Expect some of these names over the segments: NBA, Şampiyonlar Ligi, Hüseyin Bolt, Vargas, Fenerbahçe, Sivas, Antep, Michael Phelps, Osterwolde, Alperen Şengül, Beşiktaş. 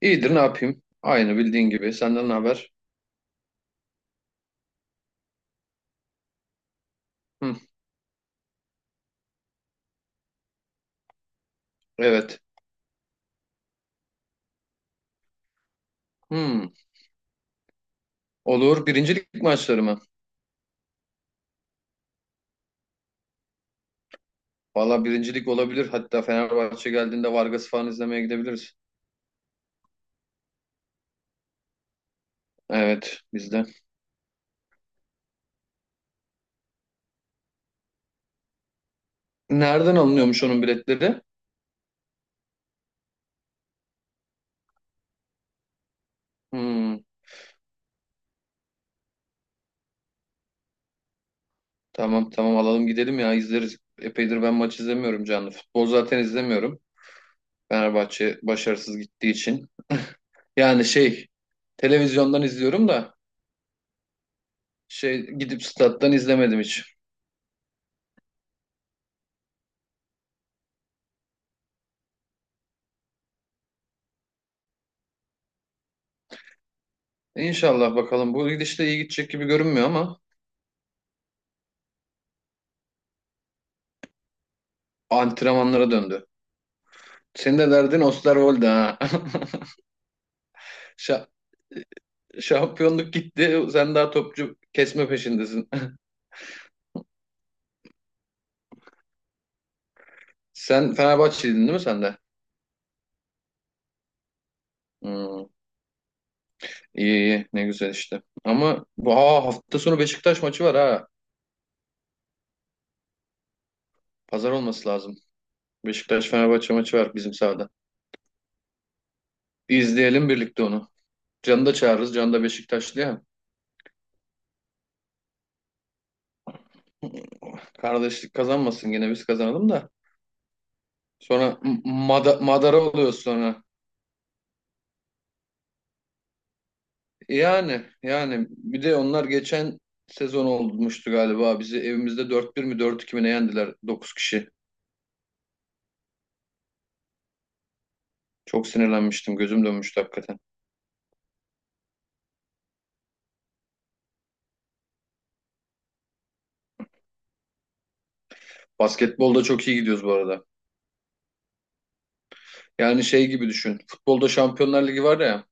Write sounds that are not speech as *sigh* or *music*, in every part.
İyidir ne yapayım? Aynı bildiğin gibi. Senden ne haber? Hı, evet. Hı, olur. Birincilik maçları mı? Valla birincilik olabilir. Hatta Fenerbahçe geldiğinde Vargas falan izlemeye gidebiliriz. Evet biz de. Nereden alınıyormuş onun biletleri? Hı, tamam tamam alalım gidelim ya izleriz. Epeydir ben maç izlemiyorum canlı. Futbol zaten izlemiyorum. Fenerbahçe başarısız gittiği için. Yani şey televizyondan izliyorum da şey gidip stat'tan izlemedim hiç. İnşallah bakalım. Bu gidişle iyi gidecek gibi görünmüyor ama. Antrenmanlara döndü. Senin de derdin Osterwolde ha. *laughs* Şa- Şampiyonluk gitti. Sen daha topçu kesme peşindesin. *laughs* Sen Fenerbahçeliydin değil mi sen de? Hmm, iyi iyi ne güzel işte. Ama bu hafta sonu Beşiktaş maçı var ha. Pazar olması lazım. Beşiktaş Fenerbahçe maçı var bizim sahada. İzleyelim birlikte onu. Can'ı da çağırırız. Can da Beşiktaşlı ya. *laughs* Kardeşlik kazanmasın yine biz kazanalım da. Sonra madara oluyoruz sonra. Yani bir de onlar geçen sezon olmuştu galiba. Bizi evimizde 4-1 mi 4-2 mi ne yendiler 9 kişi. Çok sinirlenmiştim. Gözüm dönmüştü hakikaten. Basketbolda çok iyi gidiyoruz bu arada. Yani şey gibi düşün. Futbolda Şampiyonlar Ligi var ya.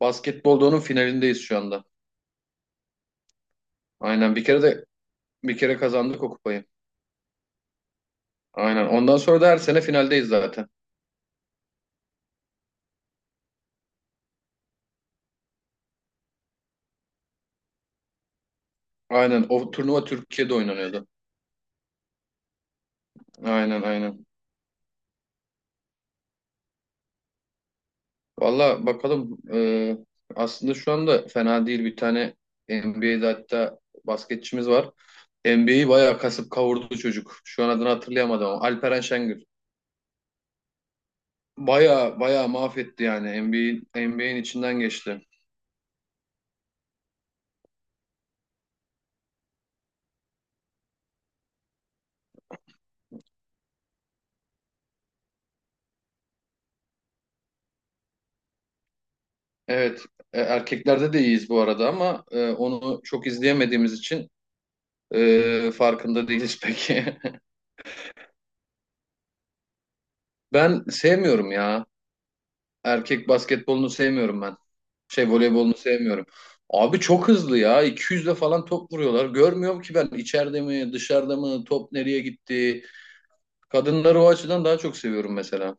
Basketbolda onun finalindeyiz şu anda. Aynen bir kere de bir kere kazandık o kupayı. Aynen. Ondan sonra da her sene finaldeyiz zaten. Aynen. O turnuva Türkiye'de oynanıyordu. Aynen aynen. Valla bakalım. Aslında şu anda fena değil bir tane NBA'de hatta basketçimiz var. NBA'yi bayağı kasıp kavurdu çocuk. Şu an adını hatırlayamadım ama Alperen Şengül. Bayağı bayağı mahvetti yani NBA'in içinden geçti. Evet erkeklerde de iyiyiz bu arada ama onu çok izleyemediğimiz için farkında değiliz peki. *laughs* Ben sevmiyorum ya. Erkek basketbolunu sevmiyorum ben. Şey voleybolunu sevmiyorum. Abi çok hızlı ya. 200'le falan top vuruyorlar. Görmüyorum ki ben içeride mi, dışarıda mı, top nereye gitti. Kadınları o açıdan daha çok seviyorum mesela.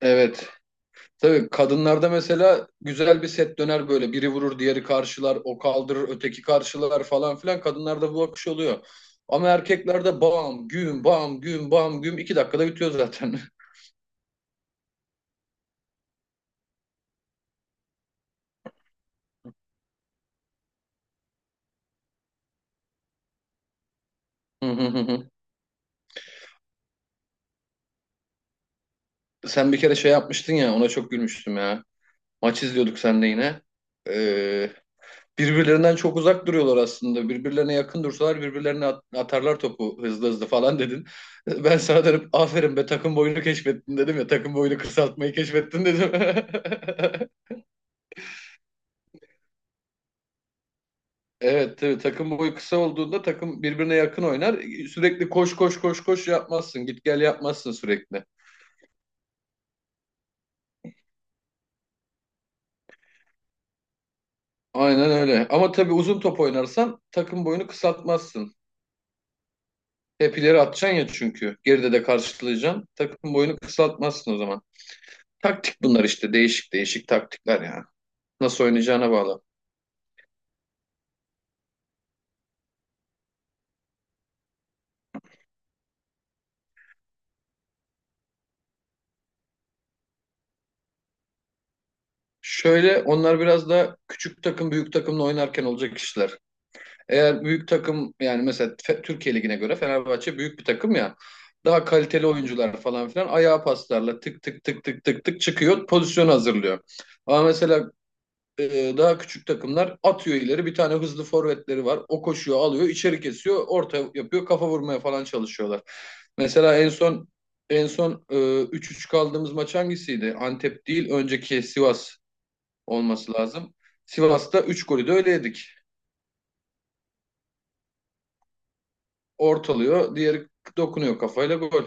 Evet. Tabii kadınlarda mesela güzel bir set döner böyle. Biri vurur, diğeri karşılar, o kaldırır, öteki karşılar falan filan. Kadınlarda bu akış oluyor. Ama erkeklerde bam, güm, bam, güm, bam, güm. 2 dakikada bitiyor zaten. *laughs* Hı hı hı hı. Sen bir kere şey yapmıştın ya, ona çok gülmüştüm ya. Maç izliyorduk seninle yine. Ee, Birbirlerinden çok uzak duruyorlar aslında. Birbirlerine yakın dursalar birbirlerine atarlar topu hızlı hızlı falan dedin. *laughs* Ben sana dönüp aferin be takım boyunu keşfettin dedim ya. Takım boyunu kısaltmayı keşfettin dedim. *laughs* Evet tabii takım boyu kısa olduğunda takım birbirine yakın oynar. Sürekli koş koş koş koş yapmazsın. Git gel yapmazsın sürekli. Aynen öyle. Ama tabii uzun top oynarsan takım boyunu kısaltmazsın. Hep ileri atacaksın ya çünkü. Geride de karşılayacaksın. Takım boyunu kısaltmazsın o zaman. Taktik bunlar işte değişik değişik taktikler yani. Nasıl oynayacağına bağlı. Şöyle onlar biraz da küçük takım büyük takımla oynarken olacak işler. Eğer büyük takım yani mesela Türkiye Ligi'ne göre Fenerbahçe büyük bir takım ya. Daha kaliteli oyuncular falan filan ayağa paslarla tık tık tık tık tık tık çıkıyor pozisyon hazırlıyor. Ama mesela daha küçük takımlar atıyor ileri. Bir tane hızlı forvetleri var. O koşuyor, alıyor, içeri kesiyor, orta yapıyor, kafa vurmaya falan çalışıyorlar. Mesela en son 3-3 kaldığımız maç hangisiydi? Antep değil, önceki Sivas olması lazım. Sivas'ta 3 golü de öyle yedik. Ortalıyor, diğeri dokunuyor kafayla gol.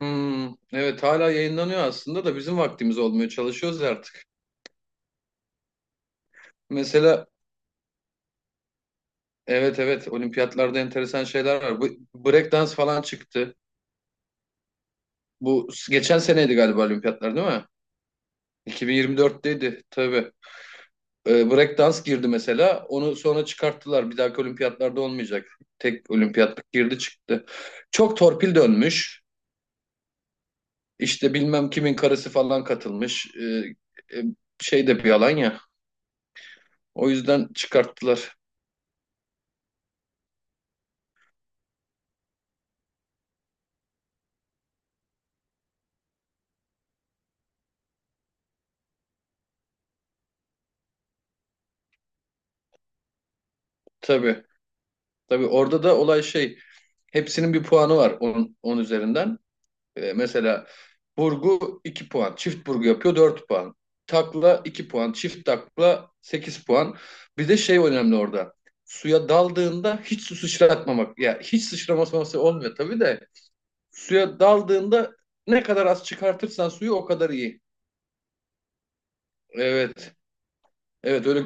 Hmm, evet hala yayınlanıyor aslında da bizim vaktimiz olmuyor. Çalışıyoruz artık. Mesela evet evet olimpiyatlarda enteresan şeyler var. Bu breakdance falan çıktı. Bu geçen seneydi galiba olimpiyatlar değil mi? 2024'teydi tabii. Breakdance girdi mesela. Onu sonra çıkarttılar. Bir dahaki olimpiyatlarda olmayacak. Tek olimpiyatlık girdi çıktı. Çok torpil dönmüş. İşte bilmem kimin karısı falan katılmış. Şey de bir yalan ya. O yüzden çıkarttılar. Tabii. Tabii orada da olay şey. Hepsinin bir puanı var 10 üzerinden 10. Mesela burgu 2 puan, çift burgu yapıyor 4 puan. Takla 2 puan, çift takla 8 puan. Bir de şey önemli orada. Suya daldığında hiç su sıçratmamak. Ya hiç sıçraması olmuyor tabii de. Suya daldığında ne kadar az çıkartırsan suyu o kadar iyi. Evet. Evet öyle.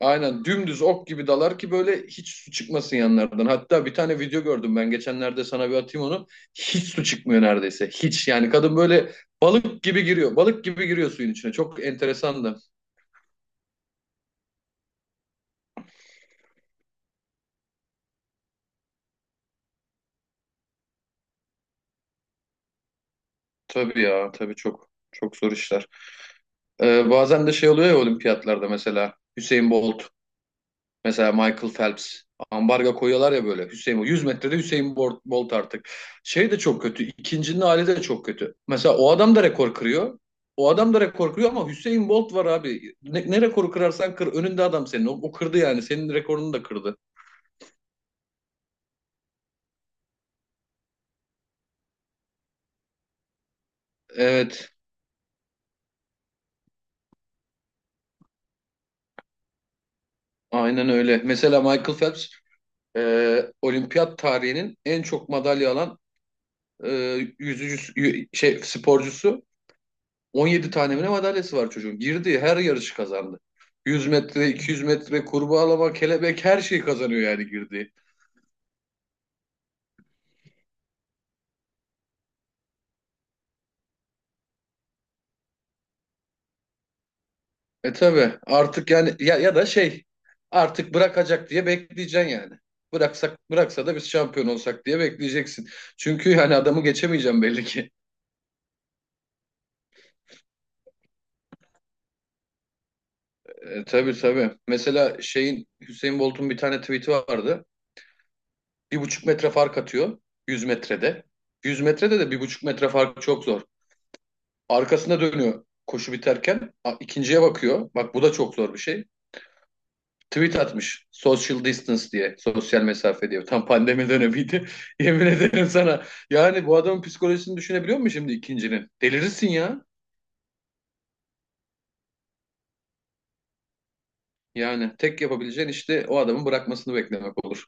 Aynen dümdüz ok gibi dalar ki böyle hiç su çıkmasın yanlardan. Hatta bir tane video gördüm ben geçenlerde sana bir atayım onu. Hiç su çıkmıyor neredeyse. Hiç yani kadın böyle balık gibi giriyor. Balık gibi giriyor suyun içine. Çok enteresan da. Tabii ya tabii çok çok zor işler. Bazen de şey oluyor ya olimpiyatlarda mesela Hüseyin Bolt. Mesela Michael Phelps ambarga koyuyorlar ya böyle Hüseyin Bolt. 100 metrede Hüseyin Bolt, Bolt artık. Şey de çok kötü. İkincinin hali de çok kötü. Mesela o adam da rekor kırıyor. O adam da rekor kırıyor ama Hüseyin Bolt var abi. Ne rekoru kırarsan kır. Önünde adam senin. O kırdı yani. Senin rekorunu da kırdı. Evet. Aynen öyle. Mesela Michael Phelps olimpiyat tarihinin en çok madalya alan e, yüzücü şey sporcusu 17 tane mi madalyası var çocuğun. Girdiği her yarışı kazandı. 100 metre, 200 metre, kurbağalama, kelebek her şeyi kazanıyor yani girdiği. E tabi artık yani ya, ya da şey artık bırakacak diye bekleyeceksin yani. Bıraksa da biz şampiyon olsak diye bekleyeceksin. Çünkü hani adamı geçemeyeceğim belli ki. Tabii tabii. Mesela şeyin Hüseyin Bolt'un bir tane tweet'i vardı. 1,5 metre fark atıyor 100 metrede. 100 metrede de 1,5 metre fark çok zor. Arkasına dönüyor koşu biterken. İkinciye bakıyor. Bak bu da çok zor bir şey. Tweet atmış. Social distance diye. Sosyal mesafe diye. Tam pandemi dönemiydi. *laughs* Yemin ederim sana. Yani bu adamın psikolojisini düşünebiliyor musun şimdi ikincinin? Delirirsin ya. Yani tek yapabileceğin işte o adamın bırakmasını beklemek olur.